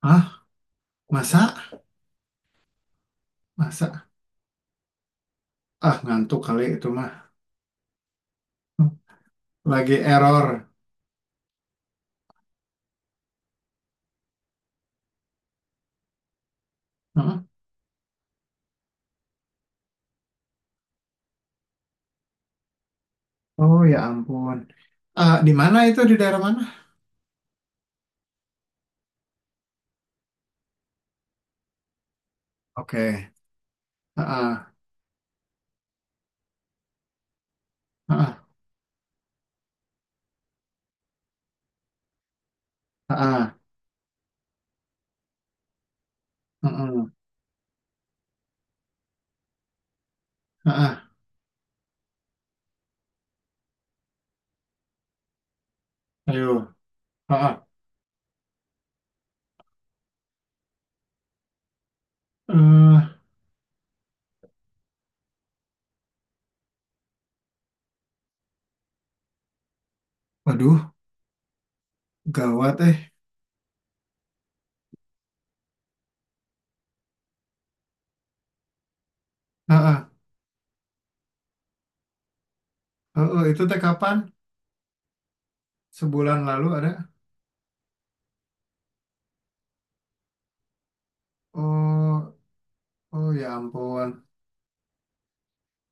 Ah, masa? Masa? Ah, ngantuk kali itu mah. Hmm. Lagi error. Heeh. Oh ya ampun. Ah, di mana itu? Di daerah mana? Oke. Heeh. Heeh. Heeh. Heeh. Heeh. Ayo. Heeh. Eh, Waduh, gawat eh. Heeh. Heeh, itu teh kapan? Sebulan lalu ada. Oh, oh ya ampun.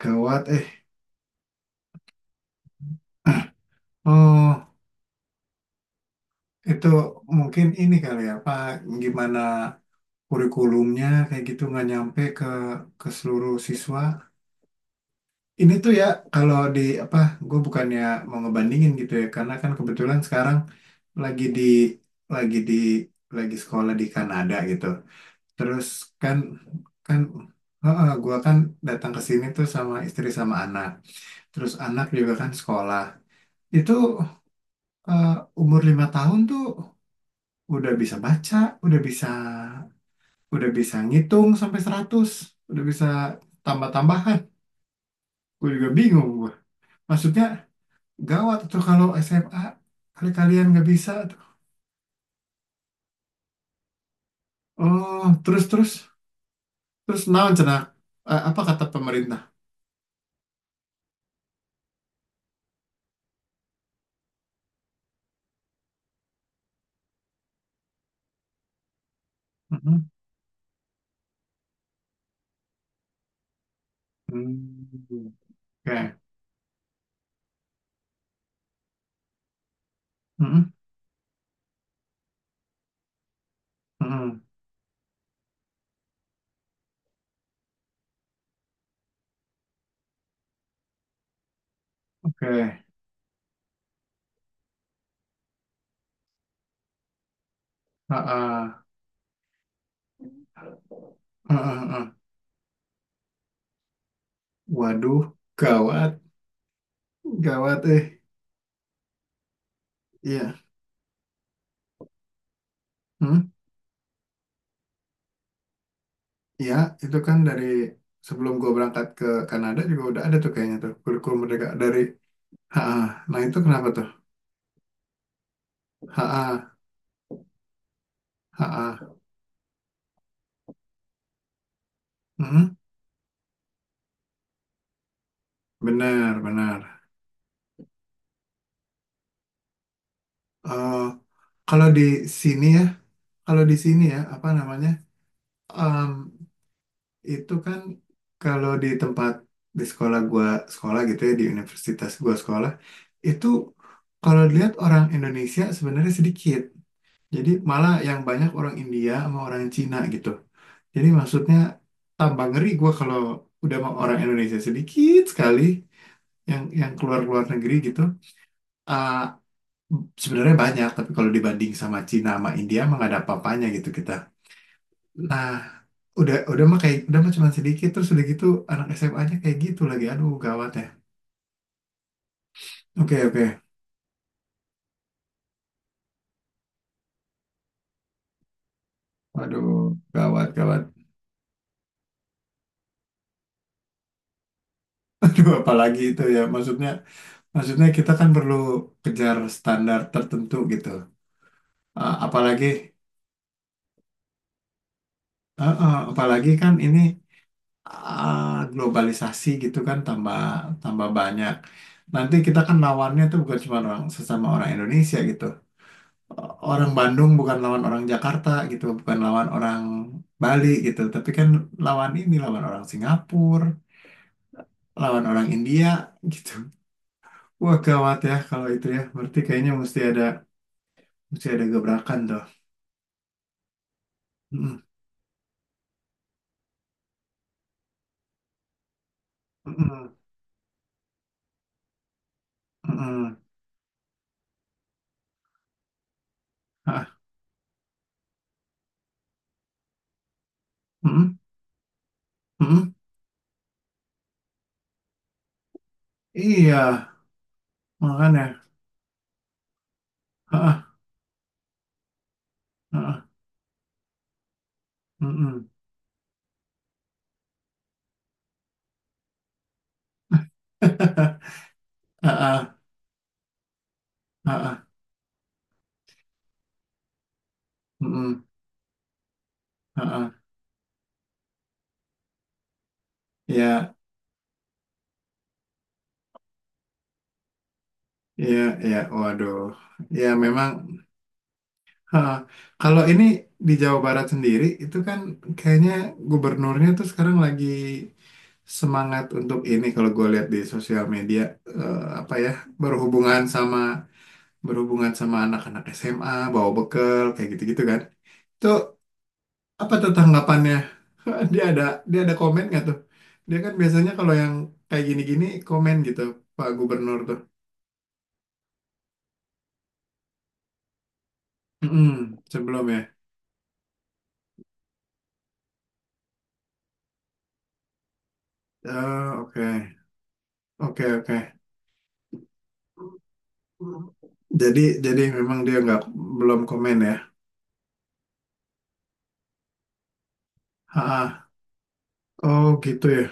Gawat eh. Ah, Oh, itu mungkin ini kali ya, Pak. Gimana? Kurikulumnya kayak gitu nggak nyampe ke seluruh siswa. Ini tuh ya kalau di apa gue bukannya mau ngebandingin gitu ya karena kan kebetulan sekarang lagi di lagi di lagi sekolah di Kanada gitu. Terus kan kan heeh, gue kan datang ke sini tuh sama istri sama anak. Terus anak juga kan sekolah. Itu eh, umur 5 tahun tuh udah bisa baca, udah bisa Udah bisa ngitung sampai 100, udah bisa tambah-tambahan. Gue juga bingung gue. Maksudnya gawat tuh kalau SMA kali kalian nggak bisa tuh. Oh, terus terus terus naon cenah? Apa kata pemerintah? Mhm. Hmm. Oke. Mhm. Mhm. Oke. Ah, ah. Ah, ah, ah. Waduh, gawat, gawat eh. Iya. Hmm? Iya, itu kan dari sebelum gue berangkat ke Kanada juga udah ada tuh kayaknya tuh kurikulum merdeka dari. Ha, nah itu kenapa tuh? Ha, ha, hmm, benar, benar. Eh, kalau di sini ya, kalau di sini ya, apa namanya? em, itu kan kalau di sekolah gua sekolah gitu ya, di universitas gua sekolah, itu kalau dilihat orang Indonesia sebenarnya sedikit. Jadi malah yang banyak orang India sama orang Cina gitu. Jadi maksudnya tambah ngeri gua kalau udah mau orang Indonesia sedikit sekali. Yang keluar keluar negeri gitu, eh, sebenarnya banyak tapi kalau dibanding sama Cina sama India emang gak ada apa-apanya gitu kita. Nah, udah mah kayak udah mah cuma sedikit terus udah gitu, anak SMA-nya kayak gitu lagi, aduh gawat ya. Oke oke. Waduh, gawat gawat. Aduh apalagi itu ya, maksudnya maksudnya kita kan perlu kejar standar tertentu gitu. Eh, apalagi Apalagi kan ini, globalisasi gitu kan tambah tambah banyak. Nanti kita kan lawannya tuh bukan cuma orang sesama orang Indonesia gitu. Orang Bandung bukan lawan orang Jakarta gitu, bukan lawan orang Bali gitu, tapi kan lawan orang Singapura, lawan orang India gitu. Wah gawat ya kalau itu ya. Berarti kayaknya mesti ada gebrakan tuh. Mm-mm, mm-mm, mm-mm. Ah, mm-mm, mm-mm. Iya, makanya. Ah, ah, mm-mm. Heeh, heeh, mhm, heeh. Ya, ya, ya. Waduh. Ya memang. Heeh. Kalau ini di Jawa Barat sendiri itu kan kayaknya gubernurnya tuh sekarang lagi semangat untuk ini, kalau gue lihat di sosial media, apa ya, berhubungan sama berhubungan sama anak-anak SMA bawa bekal kayak gitu-gitu kan. Itu apa tuh tanggapannya? Dia ada dia ada komen nggak tuh? Dia kan biasanya kalau yang kayak gini-gini komen gitu, Pak Gubernur tuh. Mm-mm, sebelum ya. Oke, oke, oke. Jadi, jadi, memang dia nggak belum komen ya. Ah, oh gitu ya.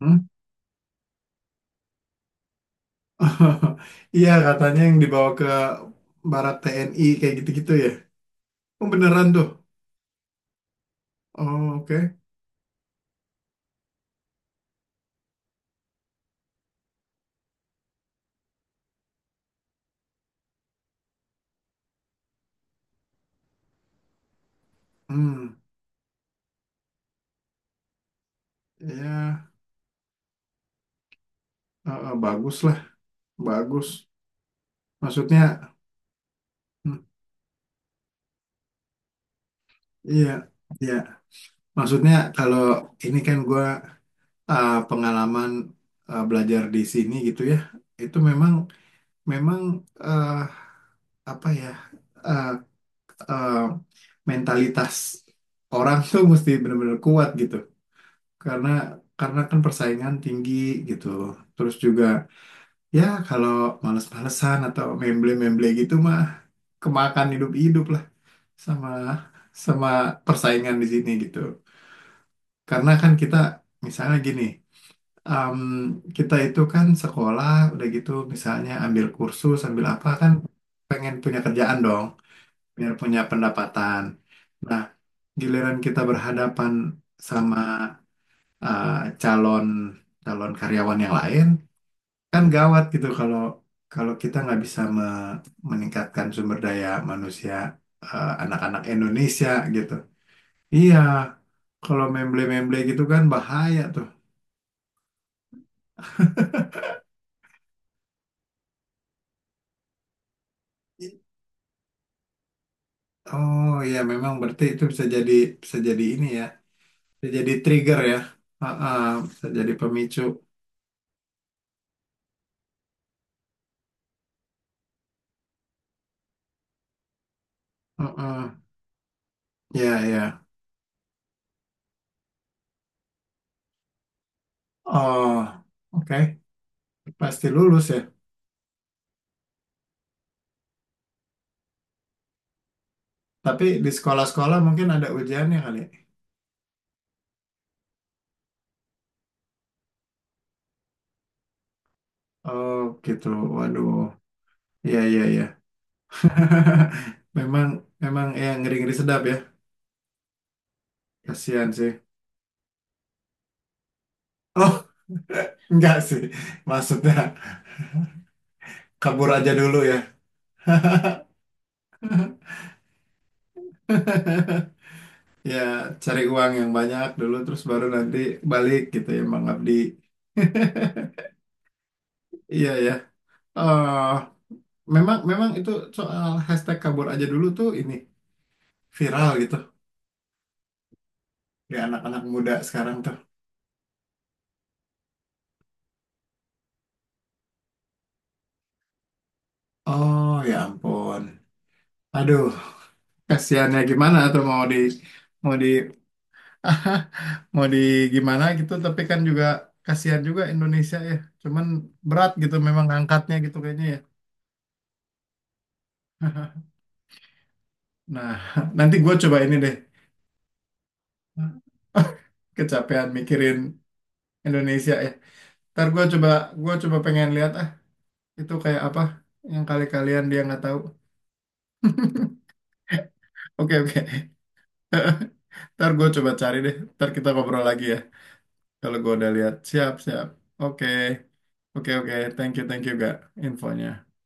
Hmm? Iya katanya yang dibawa ke Barat TNI kayak gitu-gitu ya. Oh beneran tuh. Oh oke. Hmm, ya, bagus lah, bagus. Maksudnya, hmm, iya, iya. Maksudnya kalau ini kan gua pengalaman belajar di sini gitu ya, itu Memang. eh, apa ya eh, eh, mentalitas orang tuh mesti benar-benar kuat gitu karena karena kan persaingan tinggi gitu. Terus juga ya kalau males-malesan atau memble-memble gitu mah, kemakan hidup-hidup lah sama sama persaingan di sini gitu, karena kan kita misalnya gini, em, kita itu kan sekolah, udah gitu misalnya ambil kursus ambil apa kan, pengen punya kerjaan dong biar punya pendapatan. Nah, giliran kita berhadapan sama eh, calon calon karyawan yang lain, kan gawat gitu kalau kalau kita nggak bisa meningkatkan sumber daya manusia, anak-anak Indonesia gitu. Iya, kalau memble-memble gitu kan bahaya tuh. Oh iya, memang berarti itu bisa jadi ini ya, bisa jadi trigger ya, ah, ah, bisa jadi pemicu. Heeh. Ya ya. Oh, oke. Pasti lulus ya. Tapi di sekolah-sekolah mungkin ada ujiannya kali, ya? Oh, gitu. Waduh. Iya, iya, iya. Memang, memang, ya, ngeri-ngeri sedap ya. Kasihan sih. Oh, enggak sih. Maksudnya kabur aja dulu ya. Ya, cari uang yang banyak dulu, terus baru nanti balik gitu ya, mengabdi. Iya ya. Oh, memang memang itu soal hashtag kabur aja dulu tuh ini viral gitu, di anak-anak muda sekarang tuh. Oh ya ampun. Aduh, kasihannya gimana tuh, mau di mau di gimana gitu, tapi kan juga kasihan juga Indonesia ya. Cuman berat gitu memang angkatnya gitu kayaknya ya. Nah, nanti gue coba ini deh. Kecapean mikirin Indonesia ya. Ntar gue coba pengen lihat, ah, itu kayak apa yang kali kalian dia nggak tahu. Oke oke. Ntar gue coba cari deh. Ntar kita ngobrol lagi ya. Kalau gue udah lihat, siap, siap. Oke, oke, oke. Thank you, gak infonya.